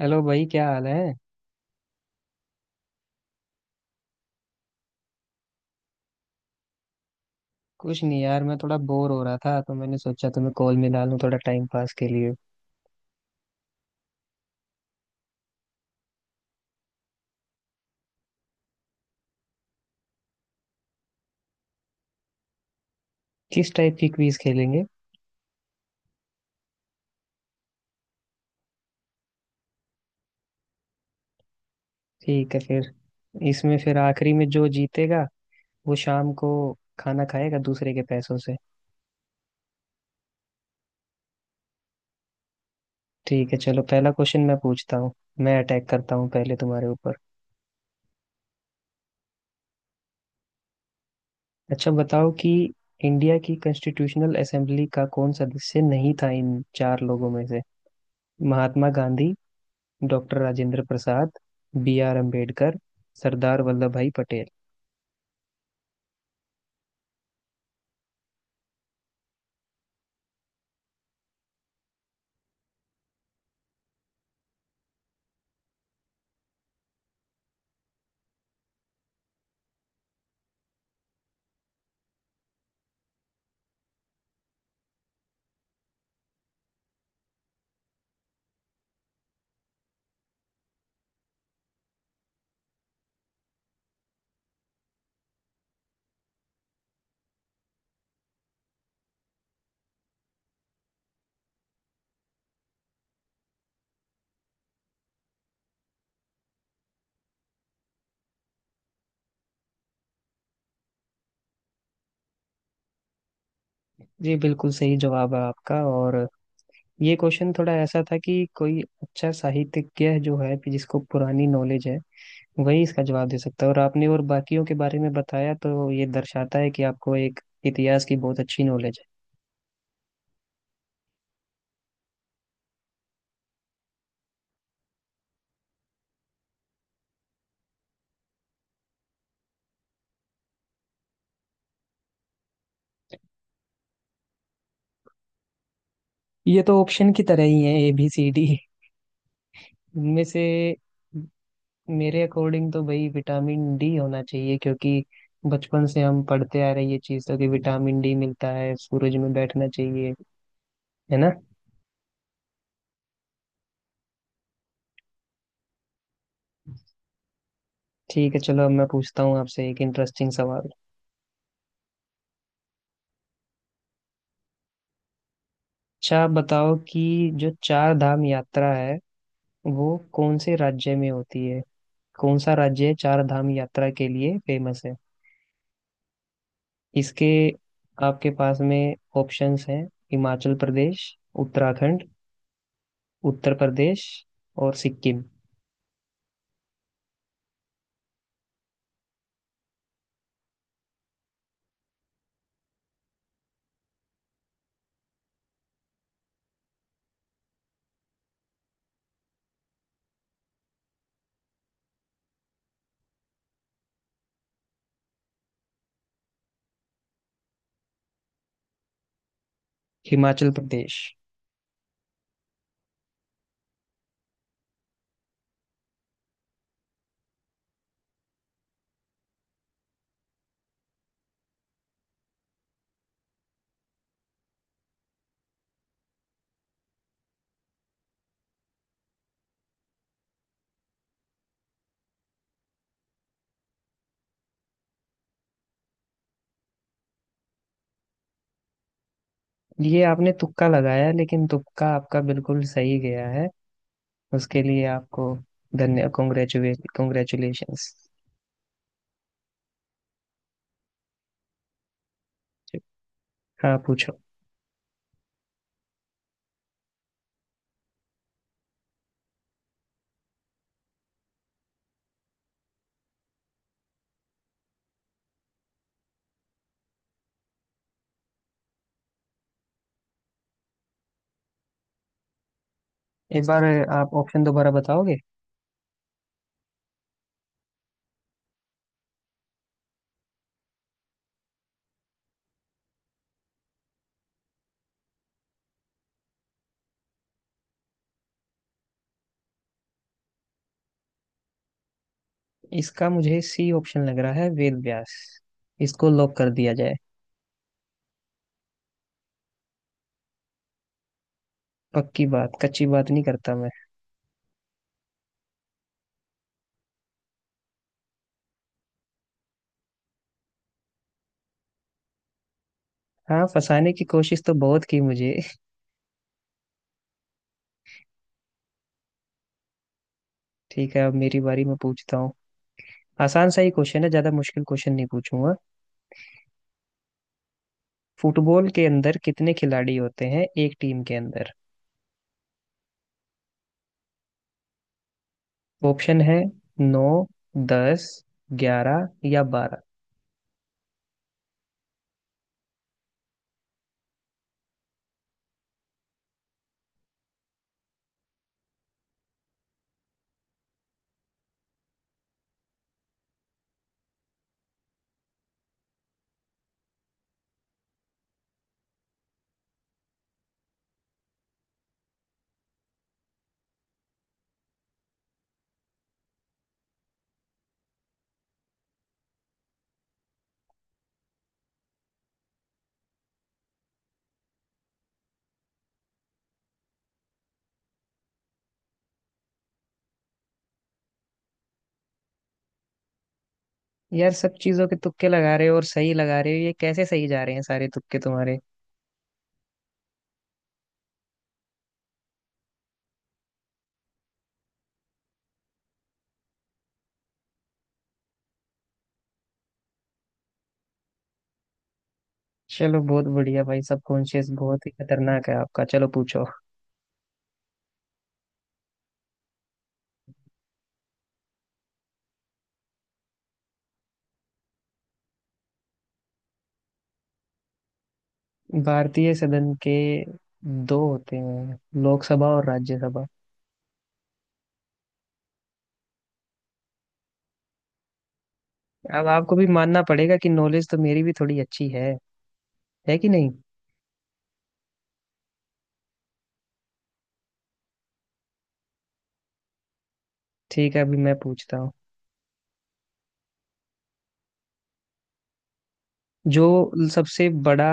Hello भाई, क्या हाल है। कुछ नहीं यार, मैं थोड़ा बोर हो रहा था तो मैंने सोचा तुम्हें कॉल मिला लूं, थोड़ा टाइम पास के लिए। किस टाइप की क्विज खेलेंगे? ठीक है फिर, इसमें फिर आखिरी में जो जीतेगा वो शाम को खाना खाएगा दूसरे के पैसों से। ठीक है, चलो पहला क्वेश्चन मैं पूछता हूँ। मैं अटैक करता हूँ पहले तुम्हारे ऊपर। अच्छा बताओ कि इंडिया की कॉन्स्टिट्यूशनल असेंबली का कौन सदस्य नहीं था इन चार लोगों में से। Mahatma Gandhi, doctor Rajendra Prasad, B R Ambedkar, Sardar Vallabhbhai Patel. जी बिल्कुल सही जवाब है आपका। और ये क्वेश्चन थोड़ा ऐसा था कि कोई अच्छा साहित्यज्ञ जो है कि जिसको पुरानी नॉलेज है, वही इसका जवाब दे सकता है। और आपने और बाकियों के बारे में बताया तो ये दर्शाता है कि आपको एक इतिहास की बहुत अच्छी नॉलेज है। ये तो ऑप्शन की तरह ही है, ए बी सी डी इनमें से। मेरे अकॉर्डिंग तो भाई विटामिन डी होना चाहिए, क्योंकि बचपन से हम पढ़ते आ रहे हैं ये चीज़ तो, कि विटामिन डी मिलता है, सूरज में बैठना चाहिए। है ना? ठीक है, चलो अब मैं पूछता हूँ आपसे एक इंटरेस्टिंग सवाल। अच्छा आप बताओ कि जो चार धाम यात्रा है वो कौन से राज्य में होती है। कौन सा राज्य है चार धाम यात्रा के लिए फेमस है? इसके आपके पास में ऑप्शंस हैं, हिमाचल प्रदेश, उत्तराखंड, उत्तर प्रदेश और सिक्किम। हिमाचल प्रदेश। ये आपने तुक्का लगाया, लेकिन तुक्का आपका बिल्कुल सही गया है। उसके लिए आपको धन्य, कॉन्ग्रेचुलेट, कॉन्ग्रेचुलेशंस। हाँ, पूछो। एक बार आप ऑप्शन दोबारा बताओगे? इसका मुझे सी ऑप्शन लग रहा है, वेद व्यास। इसको लॉक कर दिया जाए। पक्की बात, कच्ची बात नहीं करता मैं। हाँ, फंसाने की कोशिश तो बहुत की मुझे। ठीक है, अब मेरी बारी, मैं पूछता हूँ। आसान सा ही क्वेश्चन है, ज्यादा मुश्किल क्वेश्चन नहीं पूछूंगा। फुटबॉल के अंदर कितने खिलाड़ी होते हैं एक टीम के अंदर? ऑप्शन है, नौ, दस, ग्यारह या बारह। यार, सब चीजों के तुक्के लगा रहे हो और सही लगा रहे हो। ये कैसे सही जा रहे हैं सारे तुक्के तुम्हारे? चलो बहुत बढ़िया भाई, सब कॉन्शियस बहुत ही खतरनाक है आपका। चलो पूछो। भारतीय सदन के दो होते हैं, लोकसभा और राज्यसभा। अब आपको भी मानना पड़ेगा कि नॉलेज तो मेरी भी थोड़ी अच्छी है। है कि नहीं? ठीक है, अभी मैं पूछता हूँ। जो सबसे बड़ा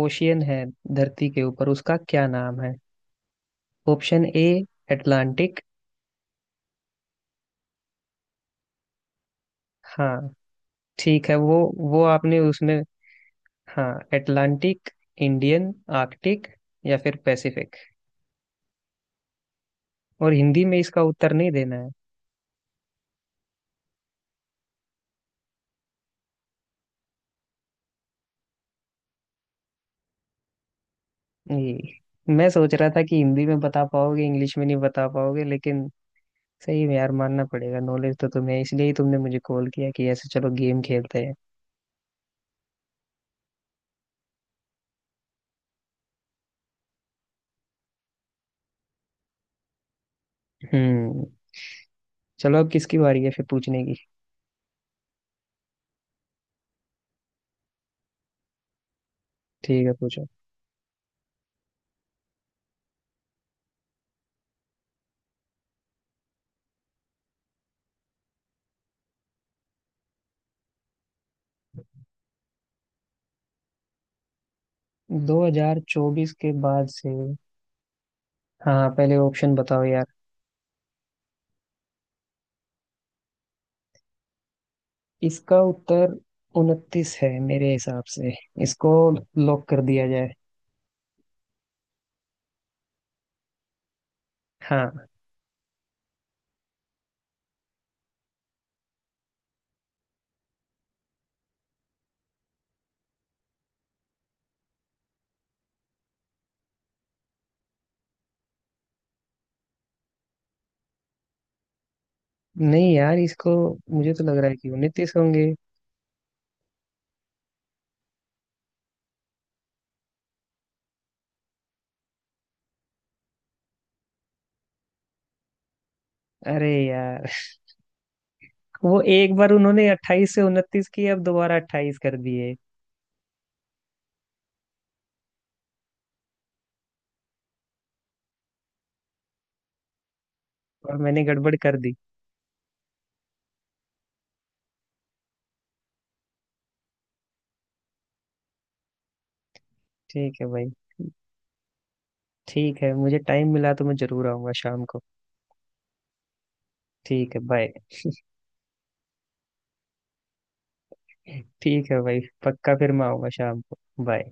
ओशियन है धरती के ऊपर, उसका क्या नाम है? Option A, Atlantic. हाँ। ठीक है, वो आपने उसमें। हाँ, अटलांटिक, इंडियन, आर्कटिक या फिर पैसिफिक। और हिंदी में इसका उत्तर नहीं देना है। ये मैं सोच रहा था कि हिंदी में बता पाओगे, इंग्लिश में नहीं बता पाओगे, लेकिन सही में यार, मानना पड़ेगा नॉलेज तो तुम्हें है, इसलिए ही तुमने मुझे कॉल किया कि ऐसे चलो गेम खेलते हैं। हम्म। चलो, अब किसकी बारी है फिर पूछने की? ठीक है, पूछो। 2024 के बाद से? हाँ पहले ऑप्शन बताओ यार। इसका उत्तर उनतीस है मेरे हिसाब से। इसको लॉक कर दिया जाए। हाँ। नहीं यार, इसको मुझे तो लग रहा है कि उनतीस होंगे। अरे यार वो एक बार उन्होंने अट्ठाईस से उनतीस की, अब दोबारा अट्ठाईस कर दिए। और मैंने गड़बड़ कर दी। ठीक है भाई। ठीक है, मुझे टाइम मिला तो मैं जरूर आऊंगा शाम को। ठीक है, बाय। ठीक है भाई, पक्का फिर मैं आऊंगा शाम को। बाय।